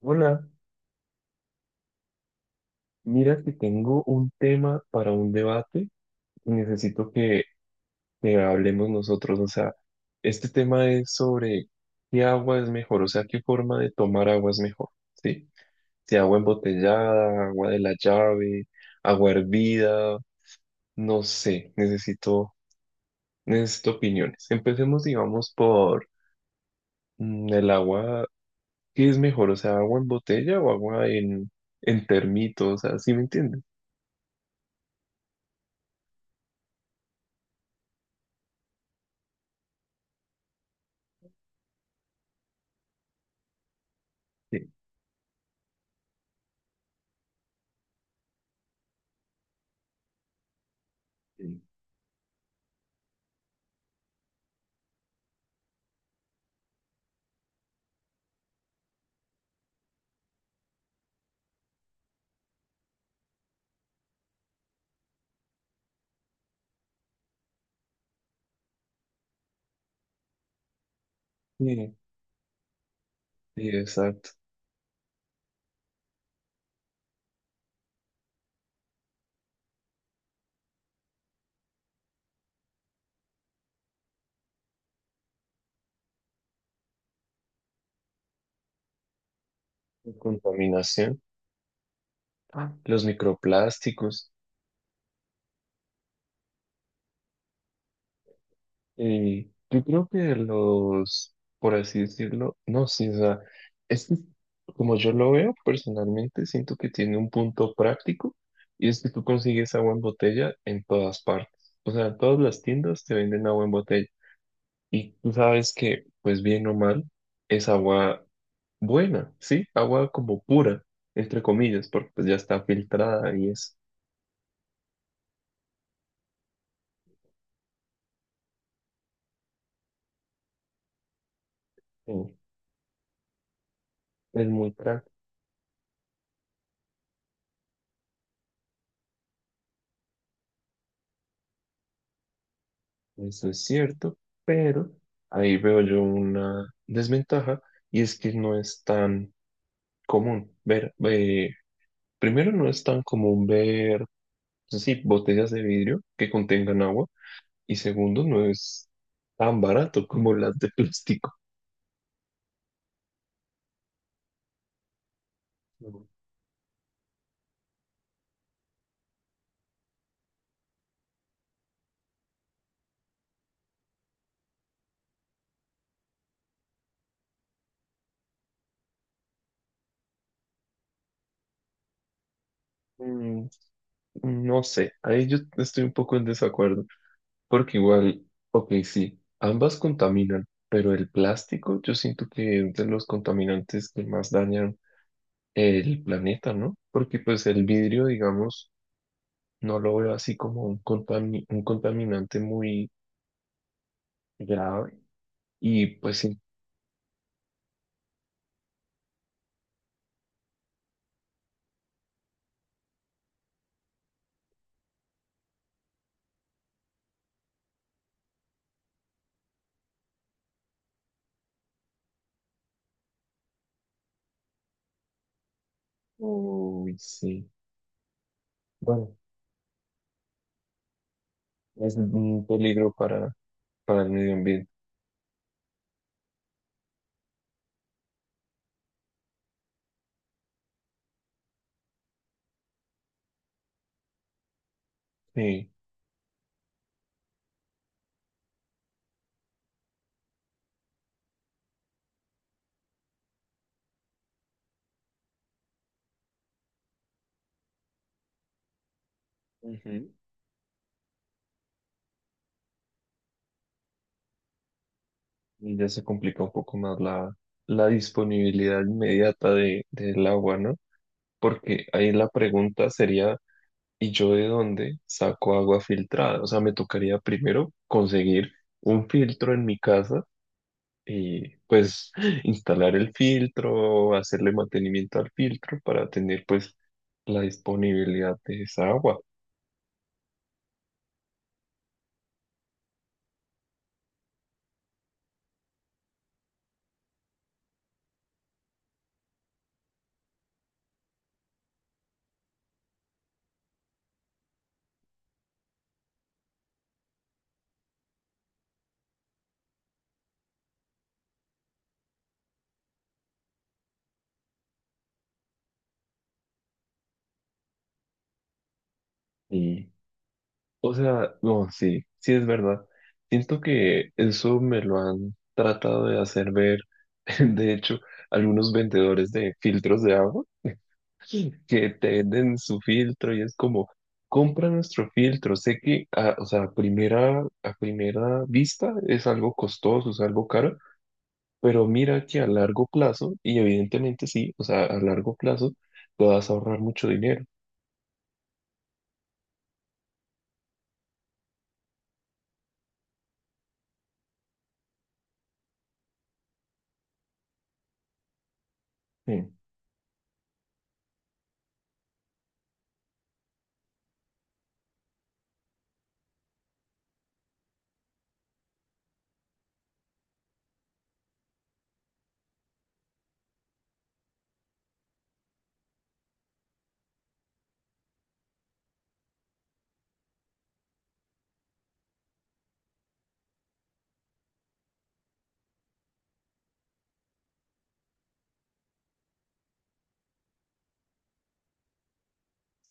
Hola, mira que tengo un tema para un debate y necesito que hablemos nosotros. O sea, este tema es sobre qué agua es mejor, o sea, qué forma de tomar agua es mejor, ¿sí? Si agua embotellada, agua de la llave, agua hervida, no sé, necesito opiniones. Empecemos, digamos, por el agua, ¿qué es mejor? O sea, agua en botella o agua en termito, o sea, ¿sí me entiendes? Sí. Sí. Sí, exacto. La contaminación. Ah, los microplásticos. Y yo creo que los, por así decirlo, no, sí, o sea, es que como yo lo veo personalmente, siento que tiene un punto práctico y es que tú consigues agua en botella en todas partes. O sea, en todas las tiendas te venden agua en botella y tú sabes que, pues bien o mal, es agua buena, ¿sí? Agua como pura, entre comillas, porque pues ya está filtrada y es... eh, es muy práctico, eso es cierto, pero ahí veo yo una desventaja y es que no es tan común ver, primero no es tan común ver, pues sí, botellas de vidrio que contengan agua y segundo no es tan barato como las de plástico. Ujú. Mm, no sé, ahí yo estoy un poco en desacuerdo, porque igual, ok, sí, ambas contaminan, pero el plástico yo siento que es de los contaminantes que más dañan el planeta, ¿no? Porque pues el vidrio, digamos, no lo veo así como un contaminante muy grave y pues sí. Uy, sí. Bueno, es un peligro para el medio ambiente. Sí. Ujú. Y ya se complica un poco más la disponibilidad inmediata del agua, ¿no? Porque ahí la pregunta sería, ¿y yo de dónde saco agua filtrada? O sea, me tocaría primero conseguir un filtro en mi casa y pues instalar el filtro, hacerle mantenimiento al filtro para tener pues la disponibilidad de esa agua. Y, o sea, no, sí, sí es verdad. Siento que eso me lo han tratado de hacer ver, de hecho, algunos vendedores de filtros de agua que te venden su filtro y es como, compra nuestro filtro. Sé que, o sea, a primera vista es algo costoso, es algo caro. Pero mira que a largo plazo, y evidentemente sí, o sea, a largo plazo te vas a ahorrar mucho dinero. Sí,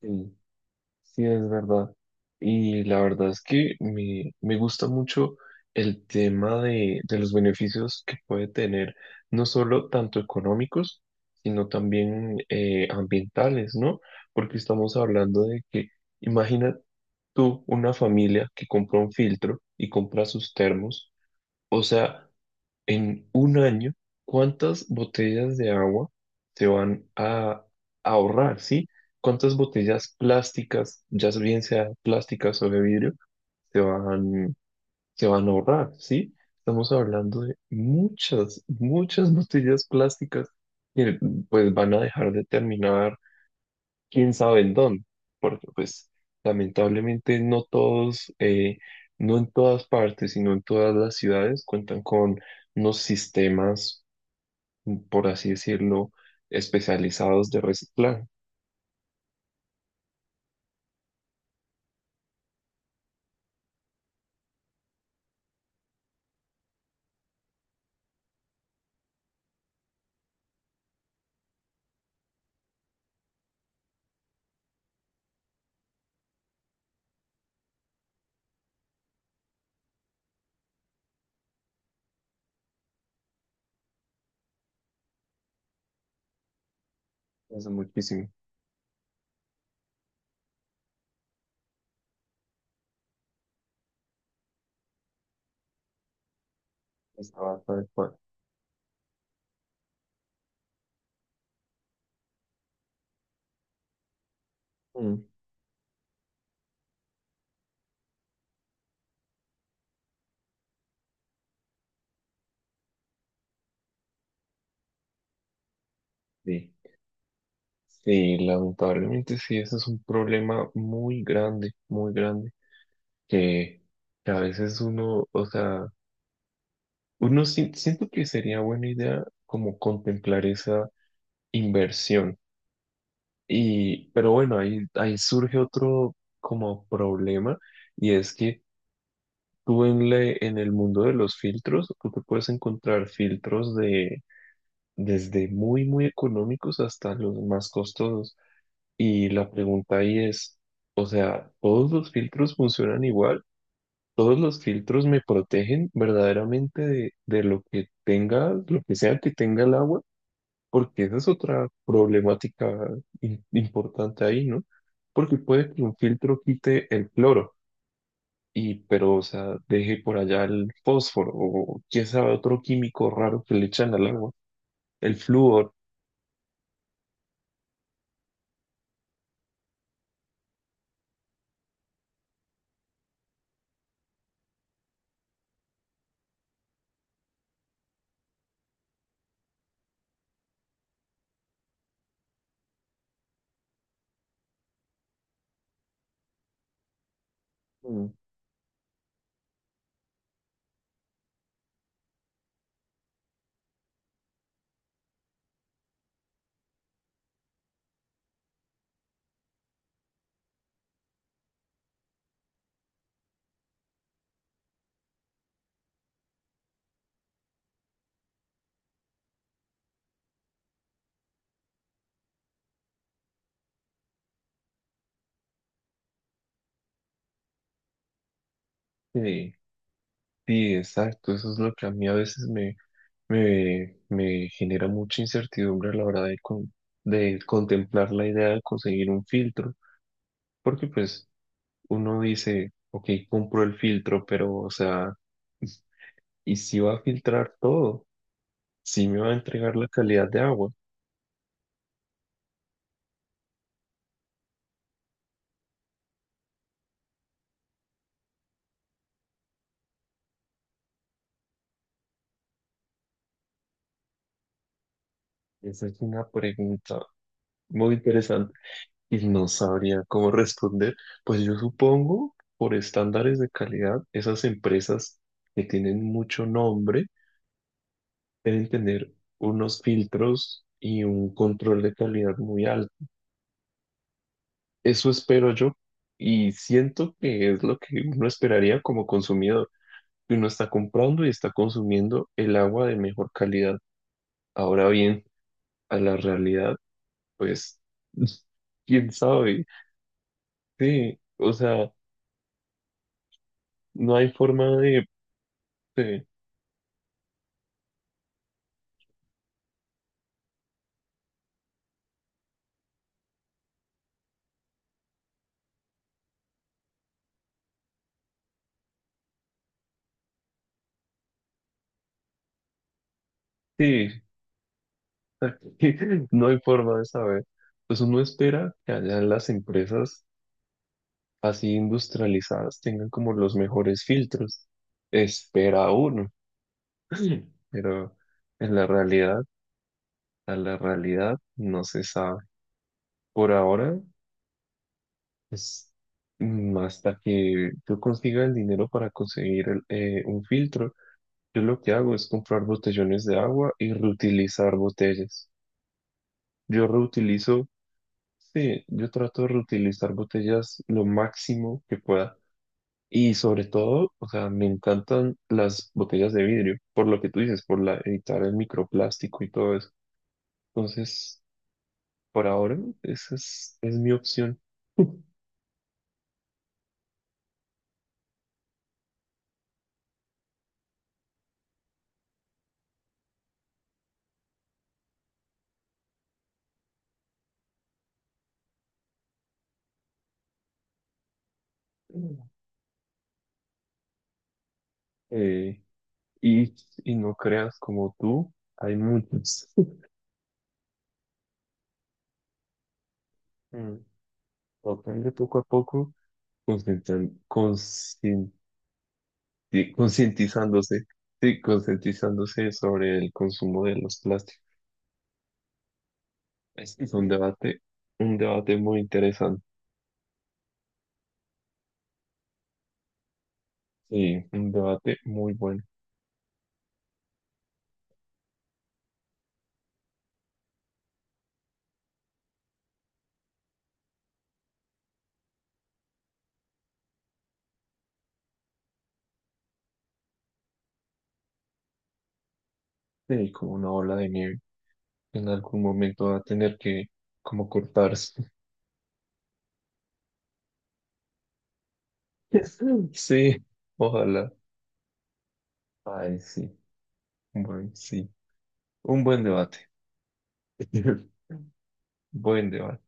sí, sí, es verdad. Y la verdad es que me gusta mucho el tema de los beneficios que puede tener, no solo tanto económicos, sino también ambientales, ¿no? Porque estamos hablando de que, imagina tú una familia que compra un filtro y compra sus termos, o sea, en un año, ¿cuántas botellas de agua se van a ahorrar, sí? ¿Cuántas botellas plásticas, ya bien sea plásticas o de vidrio, se van, se van a ahorrar, sí? Estamos hablando de muchas, muchas botellas plásticas que pues van a dejar de terminar quién sabe en dónde, porque pues lamentablemente no en todas partes, sino en todas las ciudades cuentan con unos sistemas por así decirlo, especializados de reciclaje. Es muchísimo. Estaba tal cual. Mm. Sí. Sí, lamentablemente sí, ese es un problema muy grande, que, que a veces uno, o sea, siento que sería buena idea como contemplar esa inversión. Y, pero bueno, ahí surge otro como problema y es que tú en, le en el mundo de los filtros, tú te puedes encontrar filtros de desde muy, muy económicos hasta los más costosos. Y la pregunta ahí es, o sea, ¿todos los filtros funcionan igual? ¿Todos los filtros me protegen verdaderamente de lo que tenga, lo que sea que tenga el agua? Porque esa es otra problemática importante ahí, ¿no? Porque puede que un filtro quite el cloro. Y, pero, o sea, deje por allá el fósforo o quién sabe otro químico raro que le echan al agua, el flúor. Mm. Sí. Sí, exacto, eso es lo que a mí a veces me genera mucha incertidumbre a la hora de, de contemplar la idea de conseguir un filtro, porque pues uno dice, ok, compro el filtro, pero o sea, ¿y si va a filtrar todo? ¿Si me va a entregar la calidad de agua? Esa es una pregunta muy interesante y no sabría cómo responder. Pues yo supongo, por estándares de calidad, esas empresas que tienen mucho nombre, deben tener unos filtros y un control de calidad muy alto. Eso espero yo y siento que es lo que uno esperaría como consumidor, que uno está comprando y está consumiendo el agua de mejor calidad. Ahora bien, a la realidad, pues, quién sabe, sí, o sea, no hay forma de. Sí, no hay forma de saber. Pues uno espera que allá las empresas así industrializadas tengan como los mejores filtros. Espera uno. Pero en la realidad, a la realidad no se sabe. Por ahora, es hasta que yo consiga el dinero para conseguir el, un filtro, yo lo que hago es comprar botellones de agua y reutilizar botellas. Yo reutilizo, sí, yo trato de reutilizar botellas lo máximo que pueda. Y sobre todo, o sea, me encantan las botellas de vidrio, por lo que tú dices, por la, evitar el microplástico y todo eso. Entonces, por ahora, es mi opción. Mm. Eh, y, y no creas como tú, hay muchos. Mm. Tocan de poco a poco, concientan- concienti- concientizándose, sí, concientizándose sobre el consumo de los plásticos. Es un debate muy interesante, sí, un debate muy bueno. Sí, como una ola de nieve. En algún momento va a tener que como cortarse. Sí, ojalá. Ay, sí. Bueno, sí. Un buen debate. Buen debate.